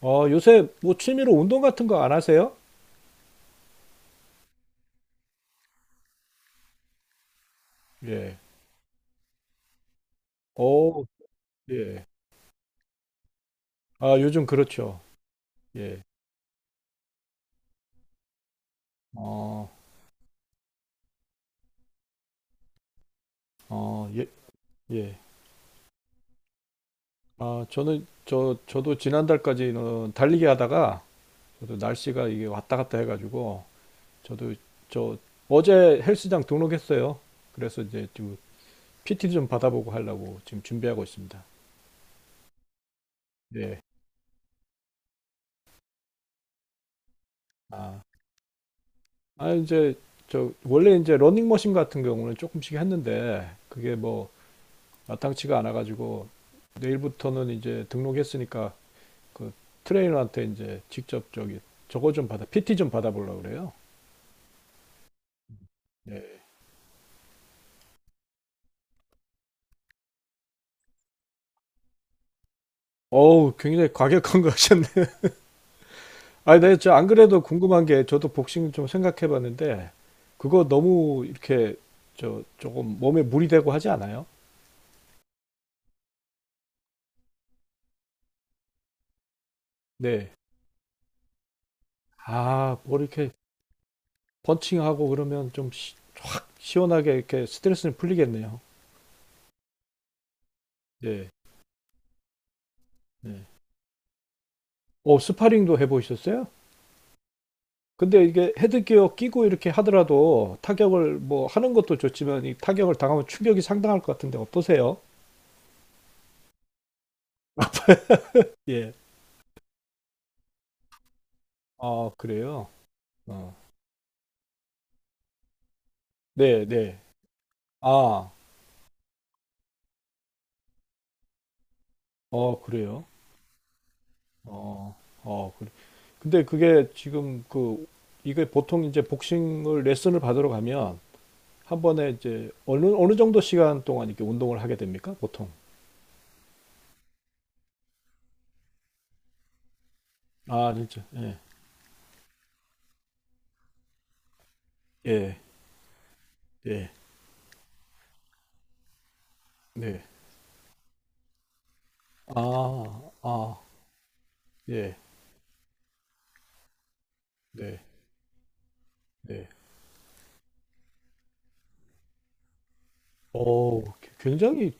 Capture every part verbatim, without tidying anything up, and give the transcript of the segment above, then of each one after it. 어, 요새 뭐 취미로 운동 같은 거 안 하세요? 예. 오. 예. 아, 요즘 그렇죠. 예. 어, 어, 예, 예. 아, 저는 저 저도 지난달까지는 달리기 하다가 저도 날씨가 이게 왔다 갔다 해가지고 저도 저 어제 헬스장 등록했어요. 그래서 이제 지금 피티 좀 받아보고 하려고 지금 준비하고 있습니다. 예. 아, 아 이제 저 원래 이제 러닝머신 같은 경우는 조금씩 했는데 그게 뭐 마땅치가 않아가지고 내일부터는 이제 등록했으니까 그 트레이너한테 이제 직접 저기 저거 좀 받아 피티 좀 받아보려고 그래요. 네. 어우, 굉장히 과격한 거 하셨네. 아니, 네, 저안 그래도 궁금한 게 저도 복싱 좀 생각해봤는데 그거 너무 이렇게 저 조금 몸에 물이 되고 하지 않아요? 네. 아, 뭐 이렇게 펀칭하고 그러면 좀 시, 원하게 이렇게 스트레스는 풀리겠네요. 네. 네. 어, 스파링도 해보셨어요? 근데 이게 헤드기어 끼고 이렇게 하더라도 타격을 뭐 하는 것도 좋지만 이 타격을 당하면 충격이 상당할 것 같은데 어떠세요? 예. 아, 그래요? 어. 네, 네. 아, 어, 그래요? 어, 어, 그래. 근데 그게 지금 그, 이게 보통 이제 복싱을 레슨을 받으러 가면 한 번에 이제 어느, 어느 정도 시간 동안 이렇게 운동을 하게 됩니까? 보통. 아, 진짜. 예, 예, 예, 네. 아, 아, 예, 네, 네. 어, 굉장히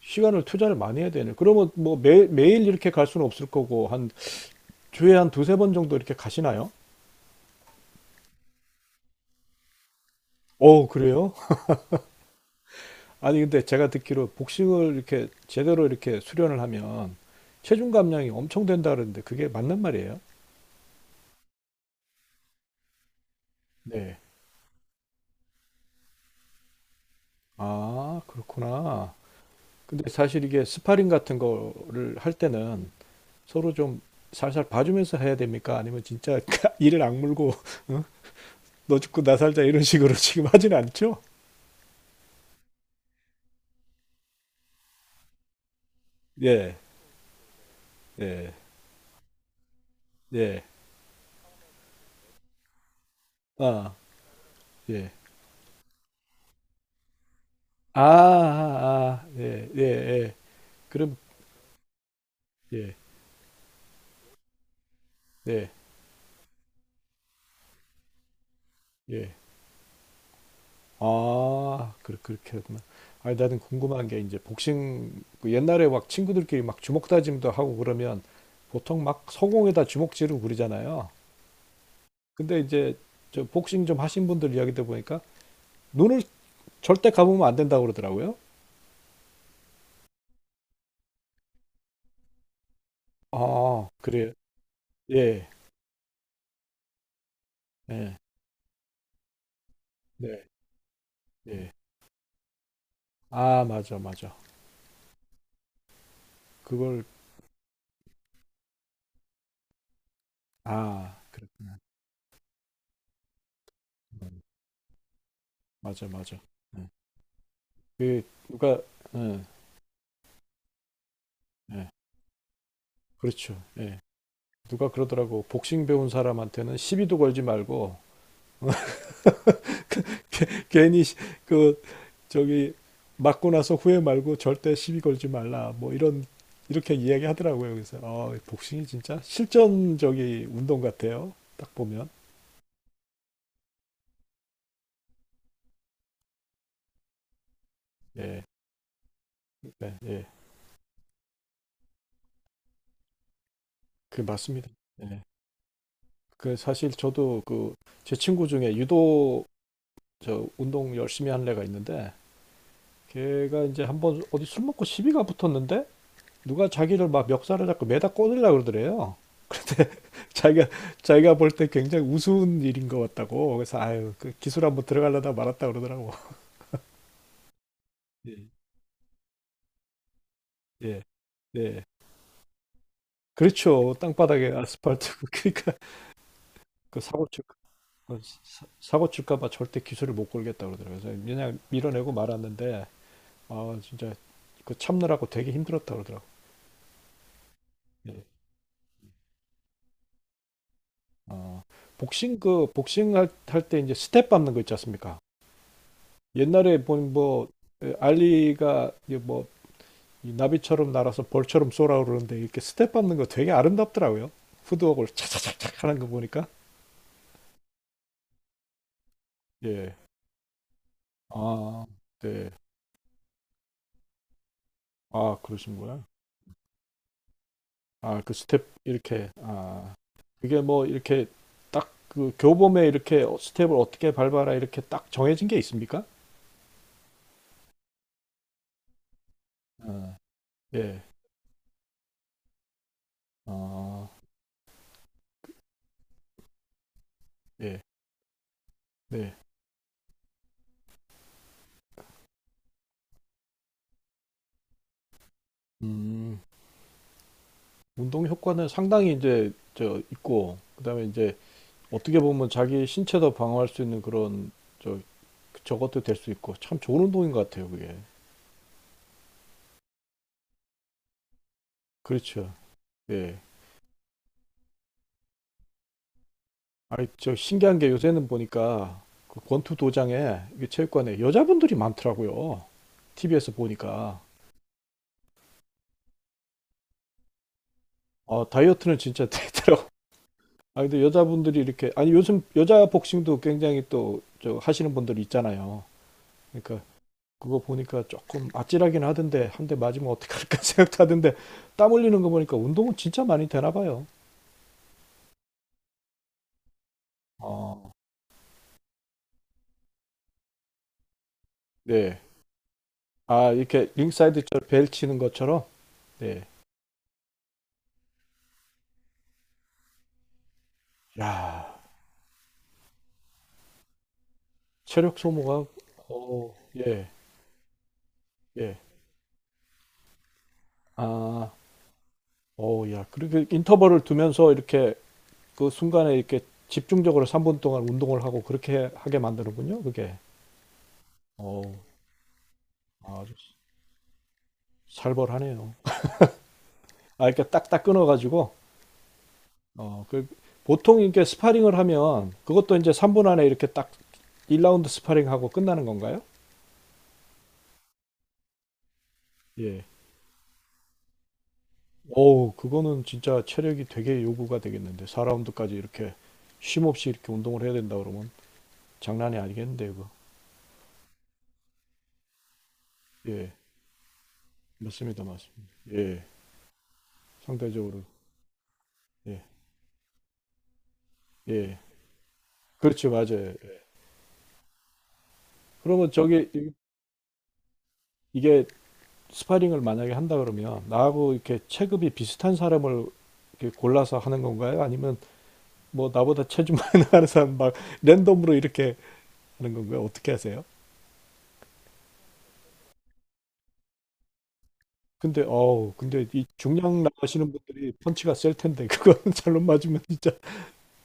시간을 투자를 많이 해야 되네. 그러면 뭐 매, 매일 이렇게 갈 수는 없을 거고, 한 주에 한 두세 번 정도 이렇게 가시나요? 어, 그래요? 아니, 근데 제가 듣기로 복싱을 이렇게 제대로 이렇게 수련을 하면 체중 감량이 엄청 된다 그러는데 그게 맞는 말이에요? 네. 아, 그렇구나. 근데 사실 이게 스파링 같은 거를 할 때는 서로 좀 살살 봐주면서 해야 됩니까? 아니면 진짜 이를 악물고, 어? 너 죽고 나 살자 이런 식으로 지금 하진 않죠? 예, 예, 예, 아, 예, 아, 아, 아, 예, 예, 예. 그럼, 예, 예, 예. 아, 그, 그렇게 하구나. 아니, 나는 궁금한 게 이제 복싱, 그 옛날에 막 친구들끼리 막 주먹 다짐도 하고 그러면 보통 막 서공에다 주먹 지르고 그러잖아요. 근데 이제 저 복싱 좀 하신 분들 이야기 들어보니까 눈을 절대 감으면 안 된다고 그러더라고요. 아, 그래요. 예, 예, 네, 예. 아, 맞아, 맞아. 그걸. 아, 그렇구나. 음. 맞아, 맞아. 예. 그. 누가. 예, 예. 그렇죠. 예. 누가 그러더라고. 복싱 배운 사람한테는 시비도 걸지 말고 괜히 시- 그 저기 맞고 나서 후회 말고 절대 시비 걸지 말라. 뭐 이런, 이렇게 이야기하더라고요. 그래서 어, 복싱이 진짜 실전적인 운동 같아요. 딱 보면. 예. 네, 예. 그 맞습니다. 예. 그 사실 저도 그 제 친구 중에 유도 저 운동 열심히 하는 애가 있는데 걔가 이제 한 번 어디 술 먹고 시비가 붙었는데 누가 자기를 막 멱살을 잡고 매다 꽂으려고 그러더래요. 근데 자기가 자기가 볼 때 굉장히 우스운 일인 것 같다고. 그래서 아유 그 기술 한번 들어가려다 말았다 그러더라고. 예, 예, 예. 그렇죠. 땅바닥에 아스팔트. 그러니까 그 사고 칠 어, 사- 사고 칠까봐 절대 기술을 못 걸겠다 그러더라고요. 그래서 그냥 밀어내고 말았는데 아 진짜 그 참느라고 되게 힘들었다 그러더라고. 예. 어, 복싱 그 복싱 할 때 이제 스텝 밟는 거 있지 않습니까? 옛날에 본뭐 알리가 이제 뭐이 나비처럼 날아서 벌처럼 쏘라 그러는데 이렇게 스텝 밟는 거 되게 아름답더라고요. 푸드웍을 차차차차 하는 거 보니까. 예. 아, 네. 아, 그러신구나. 아, 그 스텝 이렇게 아, 그게 뭐 이렇게 딱 그 교범에 이렇게 어, 스텝을 어떻게 밟아라 이렇게 딱 정해진 게 있습니까? 아, 예. 아, 예. 네. 음. 운동 효과는 상당히 이제 저 있고 그다음에 이제 어떻게 보면 자기 신체도 방어할 수 있는 그런 저, 저것도 될 수 있고 참 좋은 운동인 것 같아요 그게. 그렇죠. 예. 아니 저 신기한 게 요새는 보니까 그 권투 도장에 이게 체육관에 여자분들이 많더라고요. 티비에서 보니까 아, 다이어트는 진짜 되더라고. 아 근데 여자분들이 이렇게 아니 요즘 여자 복싱도 굉장히 또 저 하시는 분들 있잖아요. 그러니까 그거 보니까 조금 아찔하긴 하던데 한 대 맞으면 어떡할까 생각도 하던데. 땀 흘리는 거 보니까 운동은 진짜 많이 되나 봐요. 어. 네. 아, 이렇게 링사이드 저벨 치는 것처럼. 네. 야, 체력 소모가. 어, 예. 예. 아, 어, 야. 그렇게 인터벌을 두면서 이렇게 그 순간에 이렇게 집중적으로 삼 분 동안 운동을 하고 그렇게 하게 만드는군요, 그게. 어, 아주 살벌하네요. 아, 이렇게 딱딱 끊어 가지고 어, 그 보통 이렇게 스파링을 하면 그것도 이제 삼 분 안에 이렇게 딱 일 라운드 스파링하고 끝나는 건가요? 예. 어우, 그거는 진짜 체력이 되게 요구가 되겠는데. 사 라운드까지 이렇게 쉼 없이 이렇게 운동을 해야 된다 그러면 장난이 아니겠는데요, 그거. 예. 맞습니다, 맞습니다. 예. 상대적으로. 예. 예. 그렇죠, 맞아요. 예. 그러면 저기, 이- 이게 스파링을 만약에 한다 그러면 나하고 이렇게 체급이 비슷한 사람을 이렇게 골라서 하는 건가요? 아니면 뭐 나보다 체중 많이 나가는 사람 막 랜덤으로 이렇게 하는 건가요? 어떻게 하세요? 근데 어우 근데 이 중량 나가시는 분들이 펀치가 셀 텐데 그거는 잘못 맞으면 진짜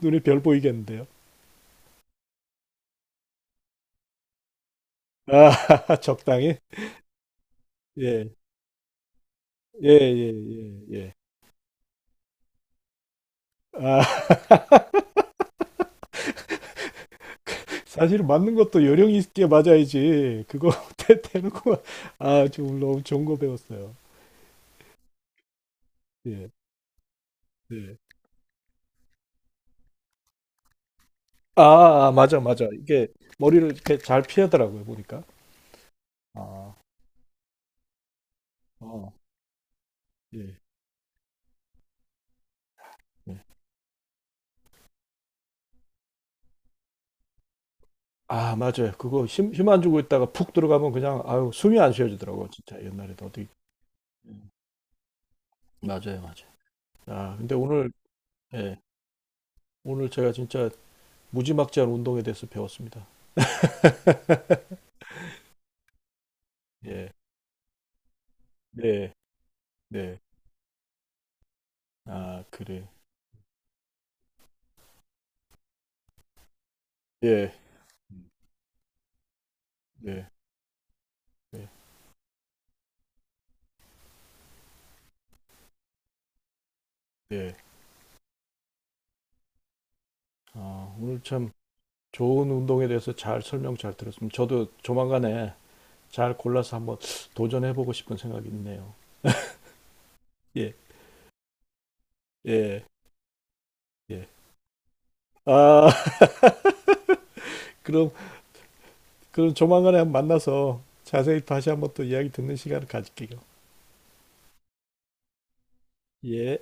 눈에 별 보이겠는데요. 아 적당히. 예, 예, 예, 예예아. 사실 맞는 것도 요령 있게 맞아야지 그거 대- 대놓고. 아 지금 너무 좋은 거 배웠어요. 예. 예. 아, 아 맞아 맞아 이게 머리를 이렇게 잘 피하더라고요 보니까. 아, 어, 예, 예. 아, 맞아요. 그거 힘, 힘 안 주고 있다가 푹 들어가면 그냥, 아유, 숨이 안 쉬어지더라고, 진짜. 옛날에도 어디. 음, 맞아요, 맞아요. 아, 근데 오늘, 예, 오늘 제가 진짜 무지막지한 운동에 대해서 배웠습니다. 예, 네, 네. 아, 그래. 예, 음, 네, 네, 네. 아, 오늘 참 좋은 운동에 대해서 잘 설명 잘 들었습니다. 저도 조만간에 잘 골라서 한번 도전해보고 싶은 생각이 있네요. 예, 예, 예. 아, 그럼 그럼 조만간에 한번 만나서 자세히 다시 한번 또 이야기 듣는 시간을 가질게요. 예.